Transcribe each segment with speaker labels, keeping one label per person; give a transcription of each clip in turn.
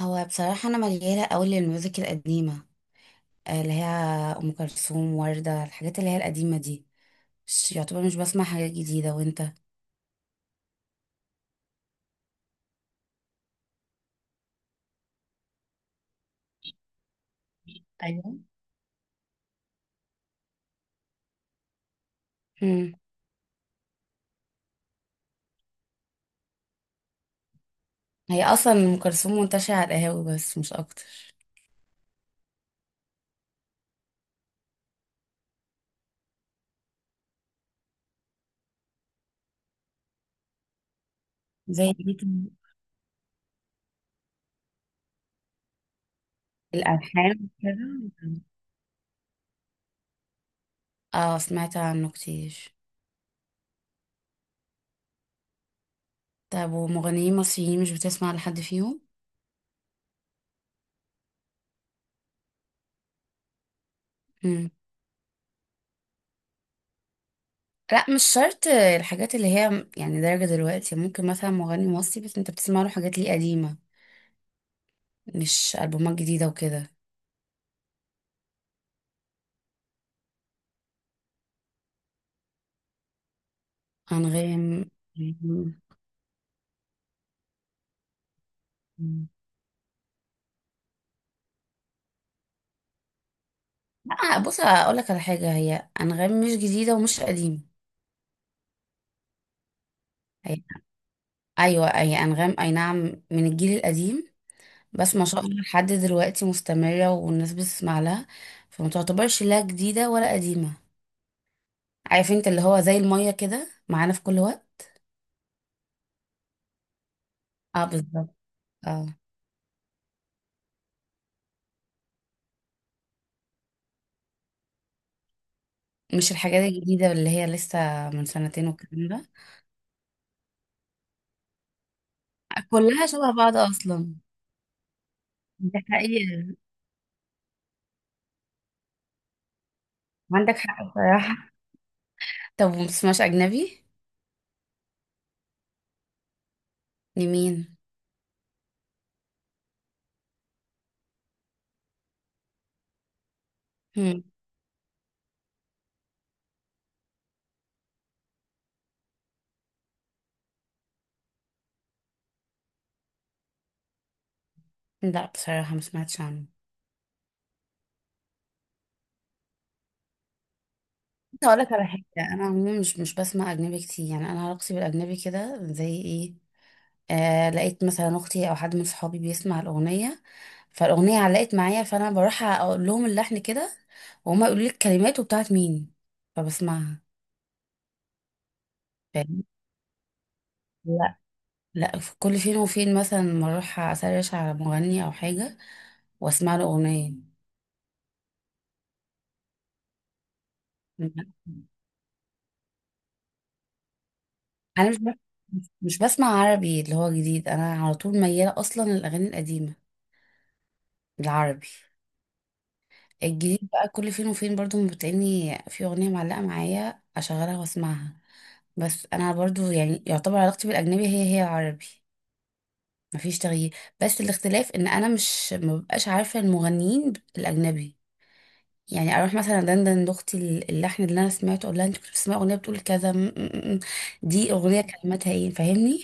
Speaker 1: هو بصراحة أنا مليانة أوي للميوزك القديمة، آه، اللي هي أم كلثوم وردة الحاجات اللي هي القديمة دي. مش بسمع حاجات جديدة، وأنت؟ ايوه. مم. هي أصلا أم كلثوم منتشرة على القهاوي، بس مش أكتر. زي دي كان الألحان كده. اه، سمعت عنه كتير. طب ومغنيين مصريين مش بتسمع لحد فيهم؟ مم. لا، مش شرط الحاجات اللي هي يعني درجة دلوقتي. ممكن مثلا مغني مصري بس انت بتسمع له حاجات ليه قديمة، مش ألبومات جديدة وكده. أنغام. مم. لا بص أقول لك على حاجة، هي أنغام مش جديدة ومش قديمة. هي، أيوة هي أنغام، أي نعم، من الجيل القديم. بس ما شاء الله لحد دلوقتي مستمرة والناس بتسمع لها، فما تعتبرش لا جديدة ولا قديمة. عارف انت اللي هو زي المية كده معانا في كل وقت. اه، بالظبط. اه. مش الحاجات الجديدة اللي هي لسه من سنتين والكلام ده. كلها شبه بعض أصلا. ده حقيقي. عندك حق بصراحة. طب ومبتسمعش أجنبي؟ لمين؟ مم. لا بصراحة ما سمعتش عنه. بس هقولك على حاجة، أنا عموما مش بسمع أجنبي كتير. يعني أنا علاقتي بالأجنبي كده زي إيه، آه، لقيت مثلا أختي أو حد من صحابي بيسمع الأغنية، فالأغنية علقت معايا، فأنا بروح أقول لهم اللحن كده، وهما يقولوا لي الكلمات وبتاعت مين، فبسمعها. فاهم. لا. لا، في كل فين وفين مثلا ما أروح أسرش على مغني أو حاجة وأسمع له أغنية. انا مش ب... مش بسمع عربي اللي هو جديد. انا على طول مياله اصلا للاغاني القديمه، العربي. الجديد بقى كل فين وفين برضو بتلاقيني في اغنيه معلقه معايا، اشغلها واسمعها. بس انا برضو يعني يعتبر علاقتي بالاجنبي هي هي العربي، مفيش تغيير. بس الاختلاف ان انا مش مبقاش عارفه المغنيين الاجنبي. يعني اروح مثلا دندن لاختي اللحن اللي انا سمعته، اقول لها انت كنت بتسمعي اغنيه بتقول كذا دي اغنيه كلماتها ايه، فاهمني.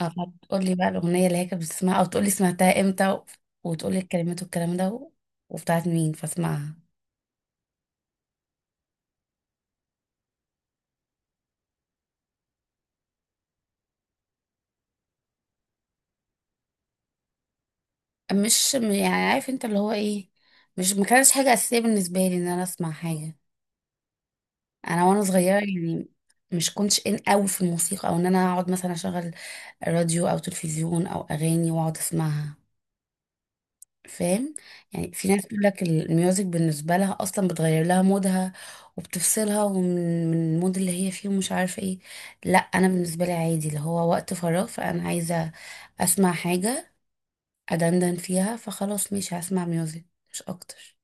Speaker 1: اه تقولي بقى الأغنية اللي هي كانت بتسمعها، أو تقولي سمعتها امتى وتقولي الكلمات والكلام ده وبتاعت مين، فاسمعها. مش م- يعني عارف انت اللي هو ايه، مش ما كانش حاجة أساسية بالنسبة لي ان انا اسمع حاجة انا وانا صغيرة يعني. مش كنتش ان قوي في الموسيقى او ان انا اقعد مثلا اشغل راديو او تلفزيون او اغاني واقعد اسمعها. فاهم. يعني في ناس تقول لك الميوزك بالنسبة لها أصلا بتغير لها مودها وبتفصلها ومن من المود اللي هي فيه ومش عارفة ايه. لا أنا بالنسبة لي عادي، اللي هو وقت فراغ فأنا عايزة أسمع حاجة أدندن فيها، فخلاص ماشي هسمع ميوزك، مش أكتر.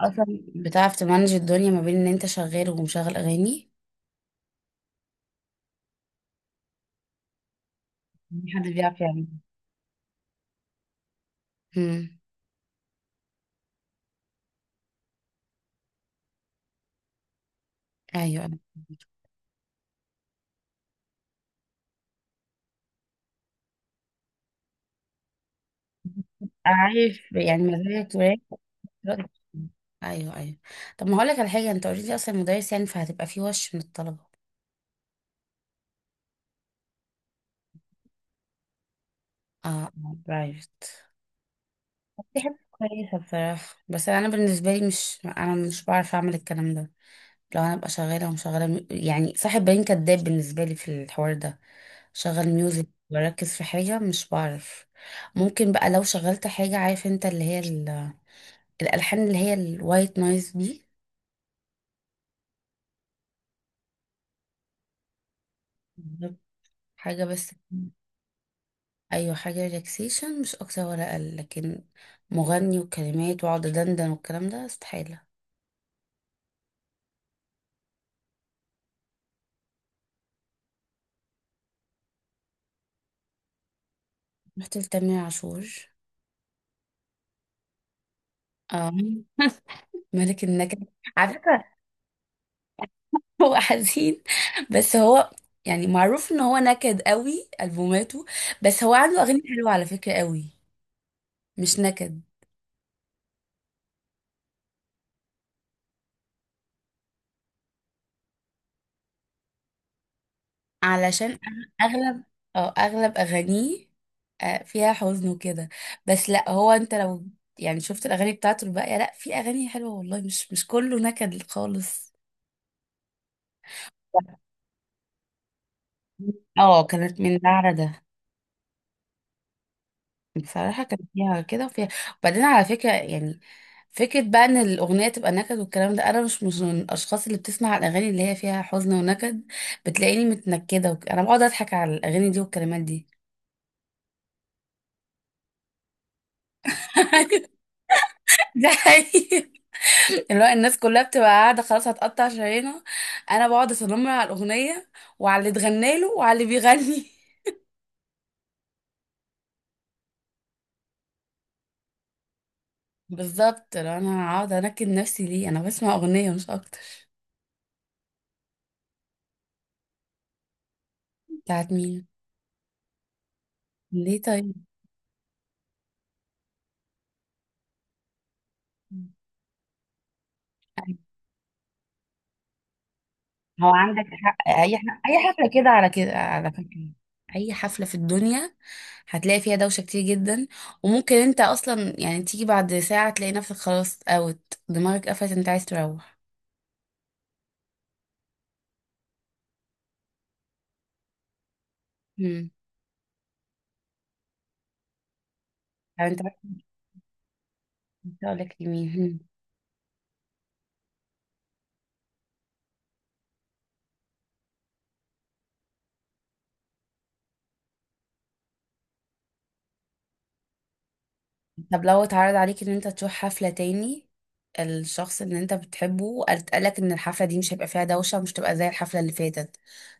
Speaker 1: أصلا بتعرف تمانج الدنيا ما بين إن أنت شغال ومشغل أغاني؟ في حد بيعرف يعمل. مم. أيوة أنا عارف يعني مزاجك رد. ايوه ايوه. طب ما هقول لك على حاجه، انت اوريدي اصلا مدرس يعني فهتبقى في وش من الطلبه. اه برايفت. دي حاجه كويسه بصراحه، بس انا بالنسبه لي مش بعرف اعمل الكلام ده. لو انا ابقى شغاله ومشغله يعني صاحب بالين كداب بالنسبه لي في الحوار ده. شغل ميوزك بركز في حاجه، مش بعرف. ممكن بقى لو شغلت حاجه عارف انت اللي هي الالحان اللي هي الوايت نويز دي. بالظبط. حاجه بس. ايوه حاجه ريلاكسيشن، مش اكتر ولا اقل. لكن مغني وكلمات واقعد دندن والكلام ده استحاله. رحت لتامر عاشور. اه. ملك النكد. على فكره هو حزين، بس هو يعني معروف ان هو نكد قوي البوماته، بس هو عنده اغاني حلوه على فكره قوي، مش نكد. علشان أغ- اغلب اه اغلب اغانيه آه، فيها حزن وكده، بس لا. هو انت لو يعني شفت الاغاني بتاعته الباقيه، لا في اغاني حلوه والله، مش مش كله نكد خالص. اه كانت من ده على ده. بصراحه كان فيها كده وفيها. وبعدين على فكره يعني فكره بقى ان الاغنيه تبقى نكد والكلام ده، انا مش من الاشخاص اللي بتسمع الاغاني اللي هي فيها حزن ونكد. بتلاقيني متنكده انا بقعد اضحك على الاغاني دي والكلمات دي. ده حقيقي. اللي هو الناس كلها بتبقى قاعدة خلاص هتقطع شرايينها، أنا بقعد أصنم على الأغنية وعلى اللي اتغنى له وعلى اللي بيغني. بالظبط، لو أنا هقعد أنكد نفسي ليه؟ أنا بسمع أغنية مش أكتر. بتاعت مين؟ ليه طيب؟ أيوة. هو عندك حق، أي أي حفلة كده على كده، على فكرة، أي حفلة في الدنيا هتلاقي فيها دوشة كتير جدا، وممكن أنت أصلا يعني تيجي بعد ساعة تلاقي نفسك خلاص أوت، دماغك قفلت، أنت عايز تروح. مم. طب أنت بقى كنت هقولك لمين. طب لو اتعرض عليك ان انت تروح حفلة تاني، الشخص اللي انت بتحبه وقالك ان الحفلة دي مش هيبقى فيها دوشة ومش تبقى زي الحفلة اللي فاتت،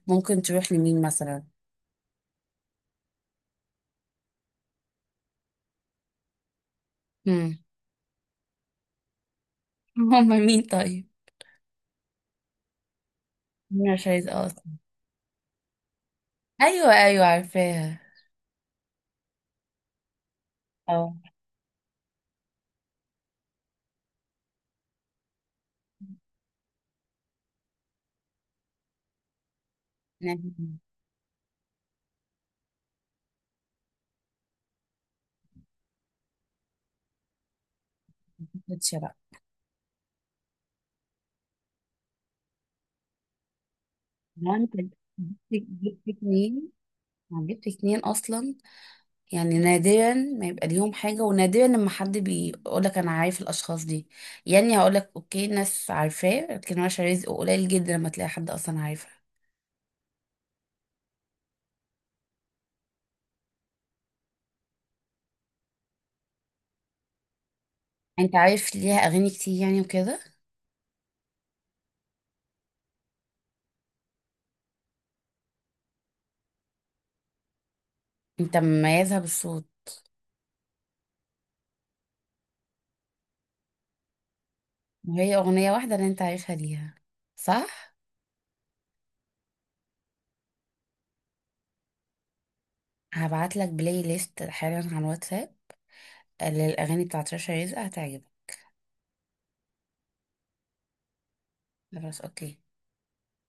Speaker 1: ممكن تروح لمين مثلا؟ هم. هم مين طيب؟ مين مش عايز اصلا؟ ايوه ايوه عارفاها. اه. انا ما كنتش بقى. ما انت جبت، جبت اتنين، ما جبت اتنين اصلا. يعني نادرا ما يبقى ليهم حاجة، ونادرا لما حد بيقولك أنا عارف الأشخاص دي. يعني هقولك أوكي ناس عارفاه، لكن ورشة رزق قليل جدا لما تلاقي حد أصلا عارفها. أنت عارف ليها أغاني كتير يعني وكده؟ أنت مميزها بالصوت. وهي أغنية واحدة اللي أنت عارفها ليها، صح؟ هبعتلك بلاي ليست حالا على الواتساب للأغاني بتاعت رشا رزق، هتعجبك. خلاص أوكي.